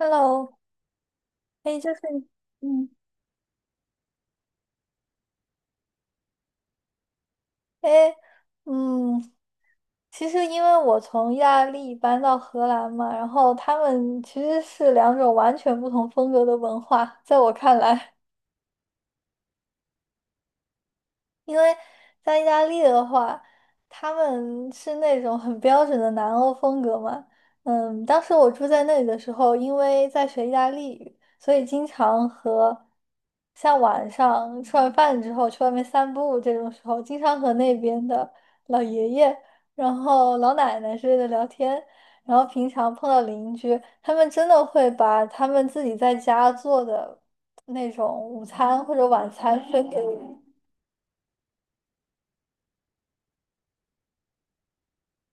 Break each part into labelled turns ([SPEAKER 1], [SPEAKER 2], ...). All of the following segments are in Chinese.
[SPEAKER 1] Hello，哎，就是，嗯，哎，嗯，其实因为我从意大利搬到荷兰嘛，然后他们其实是两种完全不同风格的文化，在我看来。因为在意大利的话，他们是那种很标准的南欧风格嘛。当时我住在那里的时候，因为在学意大利语，所以经常和像晚上吃完饭之后去外面散步这种时候，经常和那边的老爷爷、然后老奶奶之类的聊天。然后平常碰到邻居，他们真的会把他们自己在家做的那种午餐或者晚餐分给我。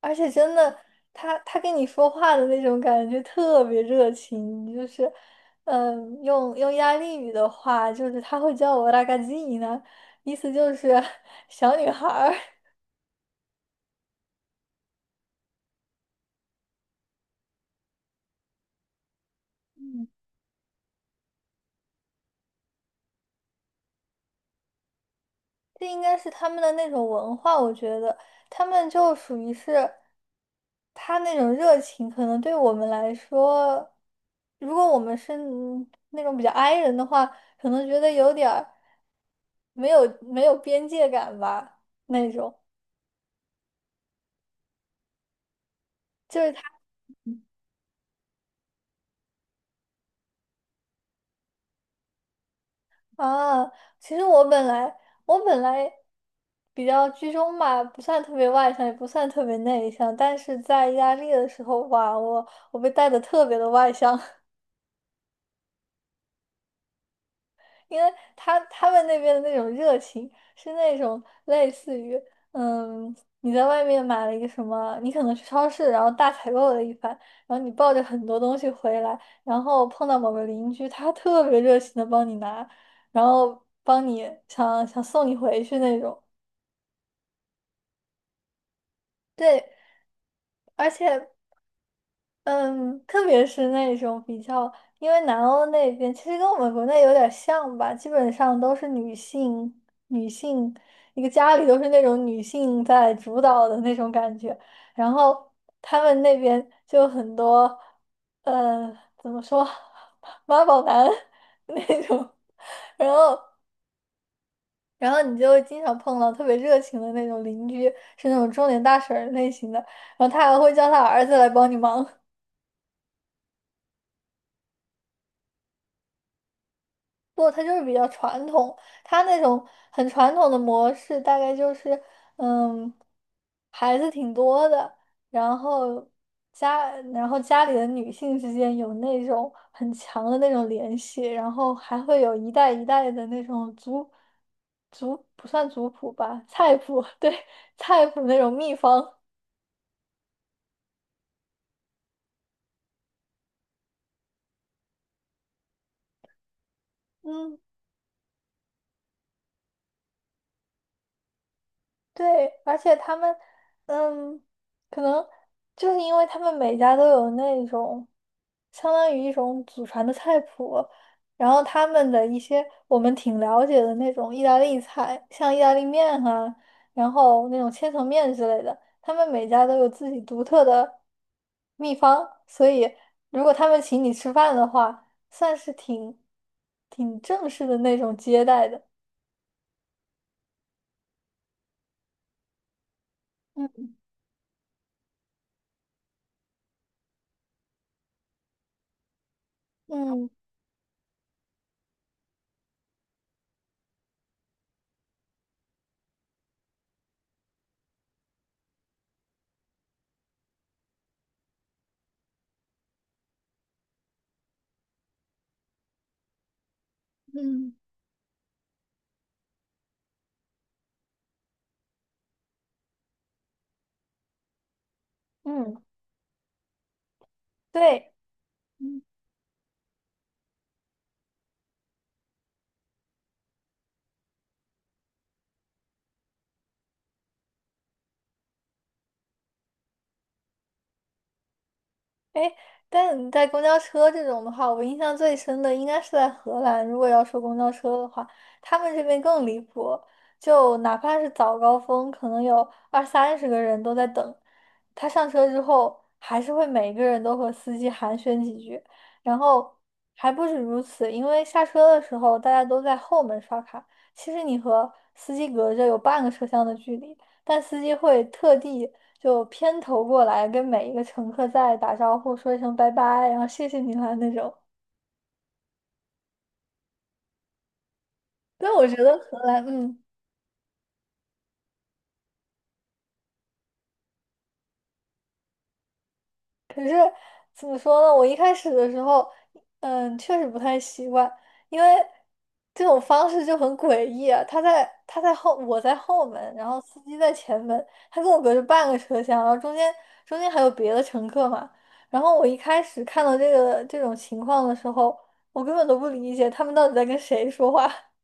[SPEAKER 1] 而且真的，他跟你说话的那种感觉特别热情，就是，用意大利语的话，就是他会叫我拉 a g a z 意思就是 小女孩儿。这应该是他们的那种文化，我觉得他们就属于是他那种热情，可能对我们来说，如果我们是那种比较 i 人的话，可能觉得有点儿没有边界感吧，那种。就是他。啊，其实我本来我本来比较居中吧，不算特别外向，也不算特别内向，但是在意大利的时候，哇，我被带的特别的外向。因为他们那边的那种热情是那种类似于，嗯，你在外面买了一个什么，你可能去超市，然后大采购了一番，然后你抱着很多东西回来，然后碰到某个邻居，他特别热情的帮你拿，然后帮你想想送你回去那种。对，而且，嗯，特别是那种比较，因为南欧那边其实跟我们国内有点像吧，基本上都是女性，女性一个家里都是那种女性在主导的那种感觉，然后他们那边就有很多，呃，怎么说，妈宝男 那种，然后，然后你就会经常碰到特别热情的那种邻居，是那种中年大婶儿类型的，然后他还会叫他儿子来帮你忙。不，他就是比较传统，他那种很传统的模式，大概就是，嗯，孩子挺多的，然后然后家里的女性之间有那种很强的那种联系，然后还会有一代一代的那种族不算族谱吧，菜谱，对，菜谱那种秘方，嗯。对，而且他们，嗯，可能就是因为他们每家都有那种相当于一种祖传的菜谱，然后他们的一些我们挺了解的那种意大利菜，像意大利面啊，然后那种千层面之类的，他们每家都有自己独特的秘方，所以如果他们请你吃饭的话，算是挺正式的那种接待的。嗯嗯嗯嗯，对。嗯，哎，但你在公交车这种的话，我印象最深的应该是在荷兰。如果要说公交车的话，他们这边更离谱，就哪怕是早高峰，可能有二三十个人都在等。他上车之后，还是会每个人都和司机寒暄几句，然后还不止如此，因为下车的时候大家都在后门刷卡，其实你和司机隔着有半个车厢的距离。但司机会特地就偏头过来跟每一个乘客再打招呼，说一声拜拜，然后谢谢你啦那种。但我觉得荷兰，嗯。可是怎么说呢？我一开始的时候，确实不太习惯，因为这种方式就很诡异啊。他在后，我在后门，然后司机在前门，他跟我隔着半个车厢，然后中间还有别的乘客嘛。然后我一开始看到这种情况的时候，我根本都不理解他们到底在跟谁说话。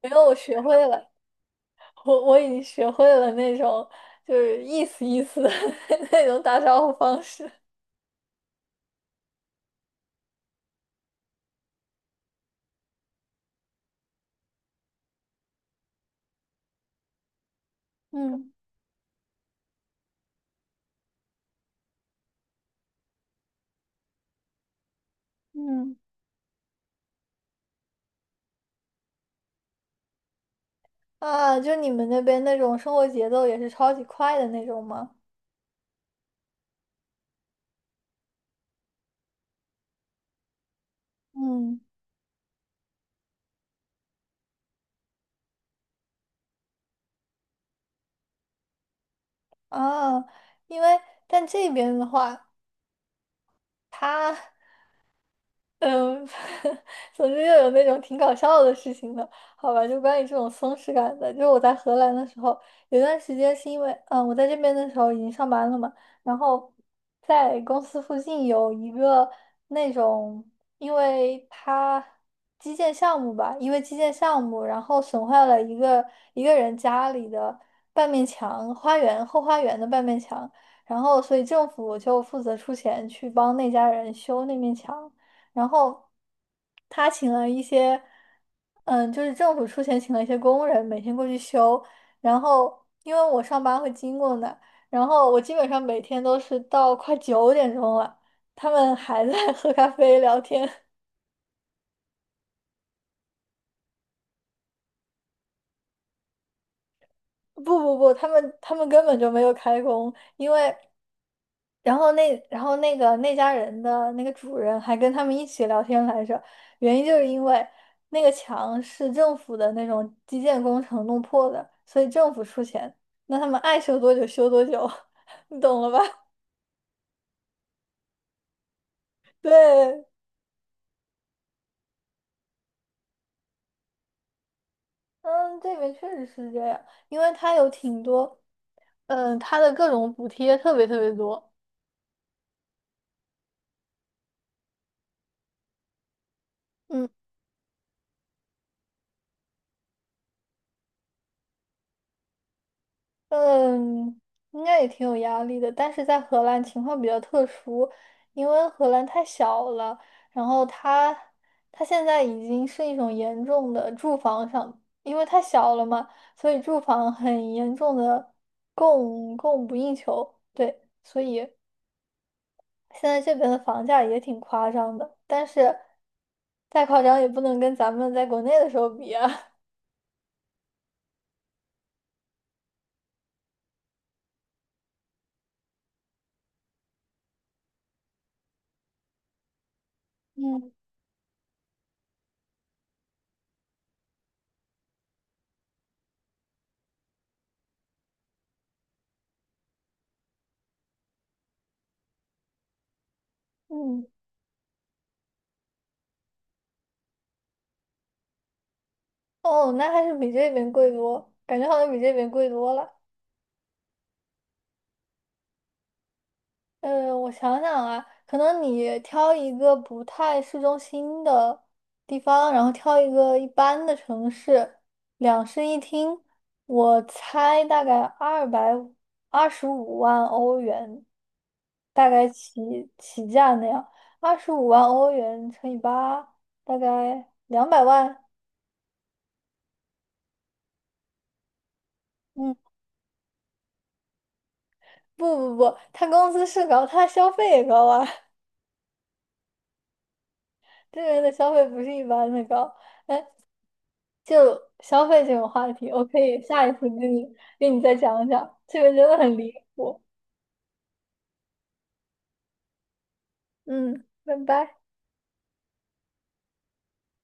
[SPEAKER 1] 然后我学会了，我已经学会了那种就是意思意思的 那种打招呼方式。嗯嗯。啊，就你们那边那种生活节奏也是超级快的那种吗？嗯，啊，因为但这边的话，它嗯，总之又有那种挺搞笑的事情的，好吧？就关于这种松弛感的，就是我在荷兰的时候，有段时间是因为，我在这边的时候已经上班了嘛，然后在公司附近有一个那种，因为它基建项目吧，因为基建项目，然后损坏了一个人家里的半面墙，花园后花园的半面墙，然后所以政府就负责出钱去帮那家人修那面墙。然后他请了一些，就是政府出钱请了一些工人，每天过去修。然后因为我上班会经过那儿然后我基本上每天都是到快9点钟了，他们还在 喝咖啡聊天。不不不，他们根本就没有开工，因为那家人的那个主人还跟他们一起聊天来着，原因就是因为那个墙是政府的那种基建工程弄破的，所以政府出钱，那他们爱修多久修多久，你懂了吧？对，嗯，这边确实是这样，因为它有挺多，它的各种补贴特别特别多。嗯。嗯，应该也挺有压力的，但是在荷兰情况比较特殊，因为荷兰太小了，然后它现在已经是一种严重的住房上，因为太小了嘛，所以住房很严重的供不应求，对，所以现在这边的房价也挺夸张的，但是再夸张也不能跟咱们在国内的时候比啊。嗯嗯，哦，那还是比这边贵多，感觉好像比这边贵多了。我想想啊，可能你挑一个不太市中心的地方，然后挑一个一般的城市，两室一厅，我猜大概225万欧元，大概起价那样，二十五万欧元乘以八，大概200万。嗯，不不不，他工资是高，他消费也高啊，这人的消费不是一般的高。就消费这个话题，我可以下一次跟你再讲讲，这个真的很离谱。嗯，拜拜。